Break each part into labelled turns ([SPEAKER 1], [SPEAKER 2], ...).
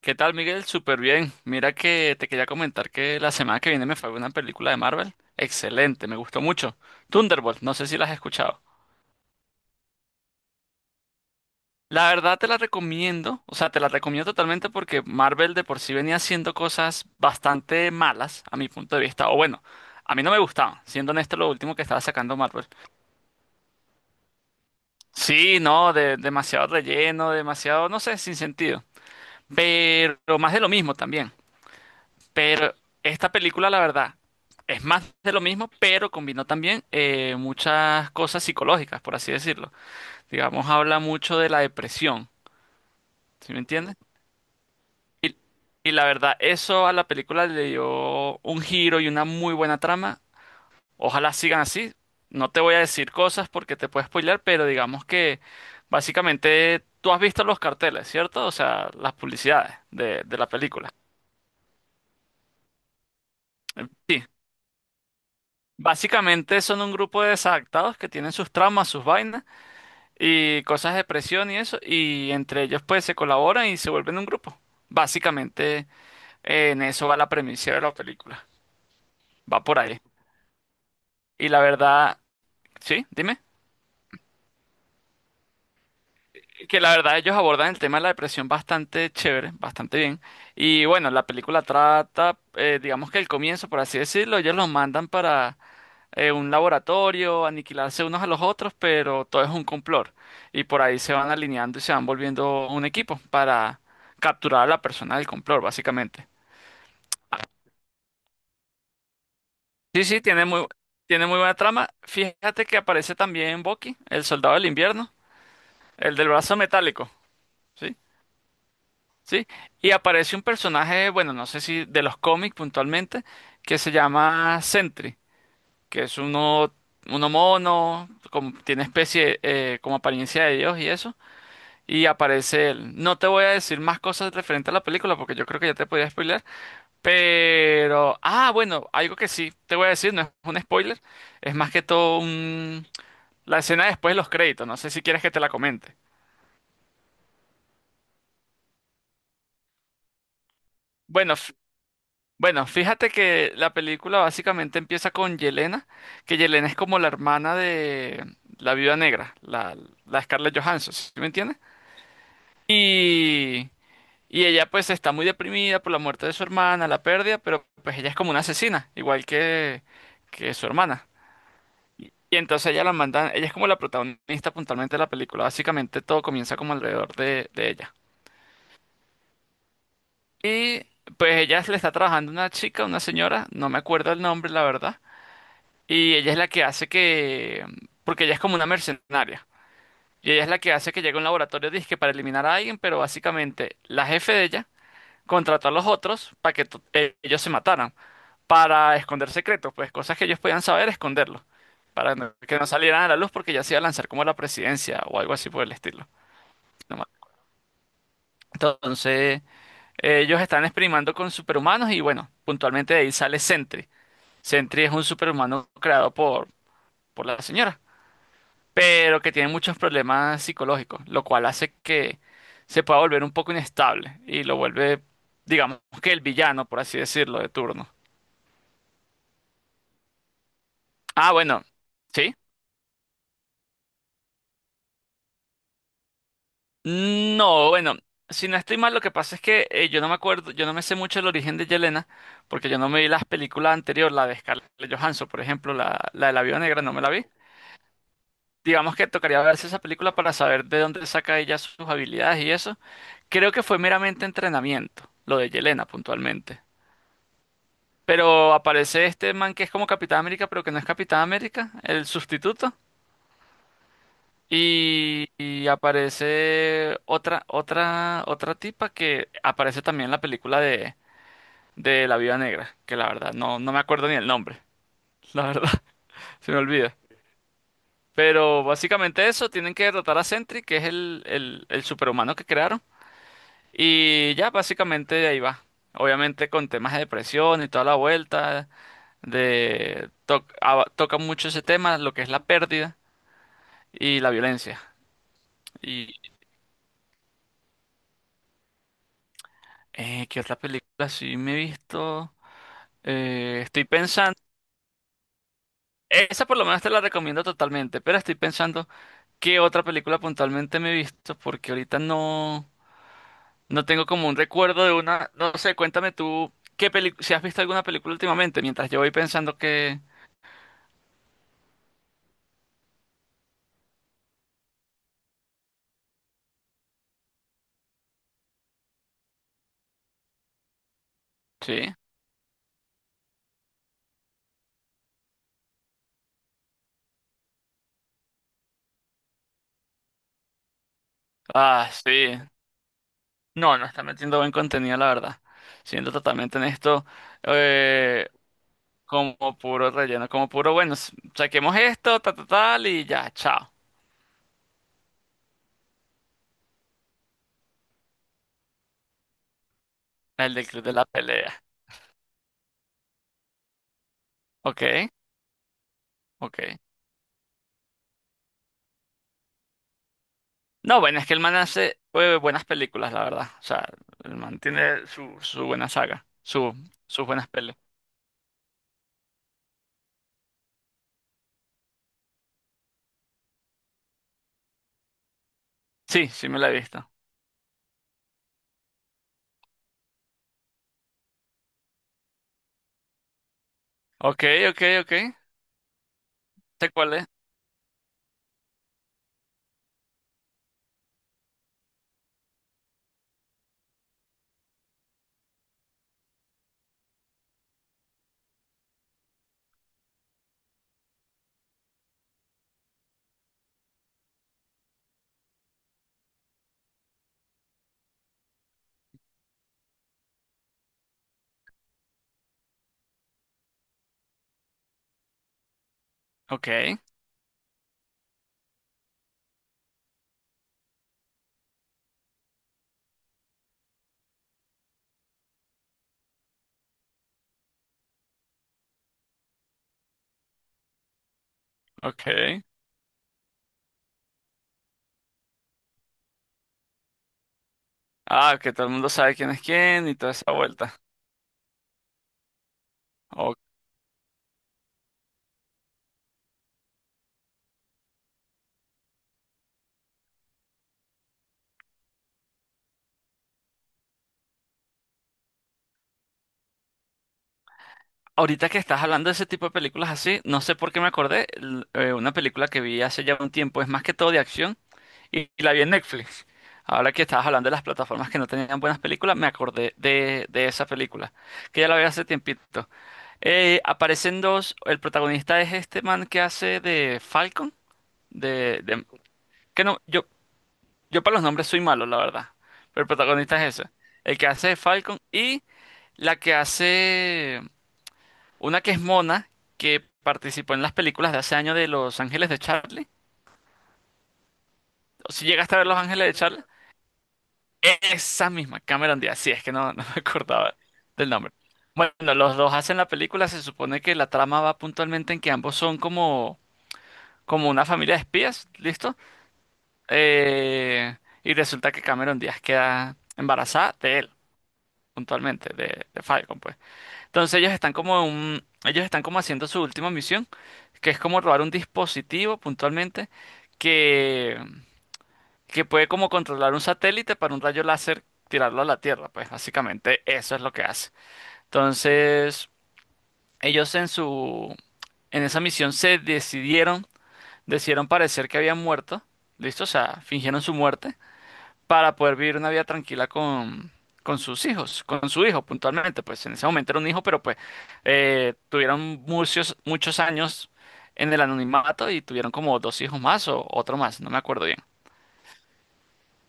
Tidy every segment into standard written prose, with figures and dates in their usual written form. [SPEAKER 1] ¿Qué tal, Miguel? Súper bien. Mira que te quería comentar que la semana que viene me fue a ver una película de Marvel. Excelente, me gustó mucho. Thunderbolt, no sé si la has escuchado. La verdad te la recomiendo, o sea, te la recomiendo totalmente porque Marvel de por sí venía haciendo cosas bastante malas a mi punto de vista. O bueno, a mí no me gustaban, siendo honesto, lo último que estaba sacando Marvel. Sí, no, demasiado relleno, demasiado, no sé, sin sentido. Pero más de lo mismo también. Pero esta película, la verdad, es más de lo mismo, pero combinó también muchas cosas psicológicas, por así decirlo. Digamos, habla mucho de la depresión, ¿sí me entiendes? Y la verdad, eso a la película le dio un giro y una muy buena trama. Ojalá sigan así. No te voy a decir cosas porque te puedo spoilear, pero digamos que básicamente tú has visto los carteles, ¿cierto? O sea, las publicidades de la película. Sí. Básicamente son un grupo de desadaptados que tienen sus traumas, sus vainas y cosas de presión y eso, y entre ellos pues se colaboran y se vuelven un grupo. Básicamente en eso va la premisa de la película, va por ahí. Y la verdad, sí, dime, que la verdad ellos abordan el tema de la depresión bastante chévere, bastante bien. Y bueno, la película trata, digamos que el comienzo, por así decirlo, ellos los mandan para un laboratorio, aniquilarse unos a los otros, pero todo es un complot. Y por ahí se van alineando y se van volviendo un equipo para capturar a la persona del complot, básicamente. Ah, sí, sí, tiene muy buena trama. Fíjate que aparece también Bucky, el soldado del invierno, el del brazo metálico, ¿sí? Sí. Y aparece un personaje, bueno, no sé si de los cómics puntualmente, que se llama Sentry, que es uno mono, como, tiene especie, como apariencia de Dios y eso. Y aparece él. No te voy a decir más cosas referente a la película porque yo creo que ya te podía spoiler. Pero, ah, bueno, algo que sí te voy a decir, no es un spoiler, es más que todo un... La escena después de los créditos. No sé si quieres que te la comente. Bueno, f- bueno, fíjate que la película básicamente empieza con Yelena, que Yelena es como la hermana de la Viuda Negra, la Scarlett Johansson, ¿sí me entiendes? Y Y ella pues está muy deprimida por la muerte de su hermana, la pérdida, pero pues ella es como una asesina, que su hermana. Y entonces ella la mandan, ella es como la protagonista puntualmente de la película, básicamente todo comienza como alrededor de ella. Y pues ella le está trabajando una chica, una señora, no me acuerdo el nombre, la verdad, y ella es la que hace que, porque ella es como una mercenaria, y ella es la que hace que llegue a un laboratorio disque para eliminar a alguien, pero básicamente la jefe de ella contrató a los otros para que ellos se mataran, para esconder secretos, pues cosas que ellos podían saber, esconderlos, para que no salieran a la luz porque ya se iba a lanzar como la presidencia o algo así por el estilo. No me- Entonces, ellos están experimentando con superhumanos y bueno, puntualmente de ahí sale Sentry. Sentry es un superhumano creado por la señora, pero que tiene muchos problemas psicológicos, lo cual hace que se pueda volver un poco inestable y lo vuelve, digamos que el villano, por así decirlo, de turno. Ah, bueno, sí. No, bueno, si no estoy mal, lo que pasa es que yo no me acuerdo, yo no me sé mucho el origen de Yelena, porque yo no me vi las películas anteriores, la de Scarlett Johansson, por ejemplo, la de la Viuda Negra, no me la vi. Digamos que tocaría verse esa película para saber de dónde saca ella sus habilidades y eso. Creo que fue meramente entrenamiento, lo de Yelena puntualmente. Pero aparece este man que es como Capitán América, pero que no es Capitán América, el sustituto. Y aparece otra tipa que aparece también en la película de La Viuda Negra, que la verdad no me acuerdo ni el nombre, la verdad, se me olvida. Pero básicamente eso, tienen que derrotar a Sentry, que es el superhumano que crearon, y ya básicamente de ahí va. Obviamente con temas de depresión y toda la vuelta, de toca mucho ese tema, lo que es la pérdida y la violencia. ¿Qué otra película sí me he visto? Estoy pensando, esa por lo menos te la recomiendo totalmente, pero estoy pensando qué otra película puntualmente me he visto, porque ahorita no, no tengo como un recuerdo de una, no sé, cuéntame tú, qué película, si has visto alguna película últimamente, mientras yo voy pensando que... Sí. Ah, sí. No, no está metiendo buen contenido, la verdad. Siendo totalmente honesto, eh, como puro relleno, como puro, bueno, saquemos esto, ta, ta, tal, y ya, chao. El del Club de la Pelea. Ok, ok. No, bueno, es que el man hace buenas películas, la verdad. O sea, el man tiene su buena saga, su, sus buenas peles. Sí, sí me la he visto. Ok, ok, ok. ¿Sé cuál es? Ok, ok. Ah, que todo el mundo sabe quién es quién y toda esa vuelta. O- Ahorita que estás hablando de ese tipo de películas así, no sé por qué me acordé, una película que vi hace ya un tiempo, es más que todo de acción. Y la vi en Netflix. Ahora que estabas hablando de las plataformas que no tenían buenas películas, me acordé de esa película, que ya la vi hace tiempito. Aparecen dos, el protagonista es este man que hace de Falcon, de, de- que no, yo para los nombres soy malo, la verdad, pero el protagonista es ese, el que hace de Falcon y la que hace, una que es Mona, que participó en las películas de hace años de Los Ángeles de Charlie, o si llegaste a ver Los Ángeles de Charlie. Esa misma, Cameron Díaz, sí, es que no, no me acordaba del nombre. Bueno, los dos hacen la película, se supone que la trama va puntualmente en que ambos son como, como una familia de espías, ¿listo? Eh, y resulta que Cameron Díaz queda embarazada de él, puntualmente, de Falcon, pues. Entonces ellos están como en un, ellos están como haciendo su última misión, que es como robar un dispositivo puntualmente que que puede como controlar un satélite para un rayo láser tirarlo a la Tierra, pues básicamente eso es lo que hace. Entonces, ellos en esa misión decidieron parecer que habían muerto, ¿listo? O sea, fingieron su muerte para poder vivir una vida tranquila con sus hijos, con su hijo puntualmente, pues en ese momento era un hijo, pero pues tuvieron muchos años en el anonimato y tuvieron como dos hijos más o otro más, no me acuerdo bien.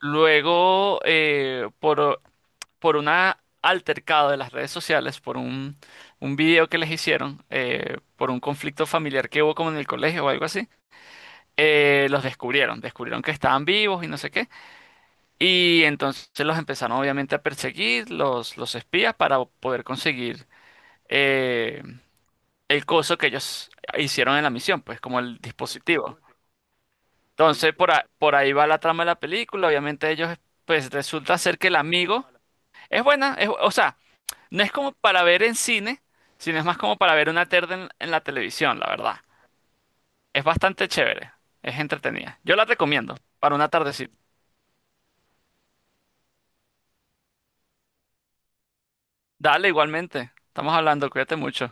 [SPEAKER 1] Luego, por un altercado de las redes sociales, un video que les hicieron, por un conflicto familiar que hubo como en el colegio o algo así, los descubrieron, descubrieron que estaban vivos y no sé qué. Y entonces los empezaron obviamente a perseguir, los espías, para poder conseguir eh, el coso que ellos hicieron en la misión, pues como el dispositivo. Entonces, por ahí va la trama de la película, obviamente ellos, pues resulta ser que el amigo. Es buena, es, o sea, no es como para ver en cine, sino es más como para ver una tarde en la televisión, la verdad. Es bastante chévere, es entretenida. Yo la recomiendo para una tardecita. Dale, igualmente. Estamos hablando, cuídate mucho.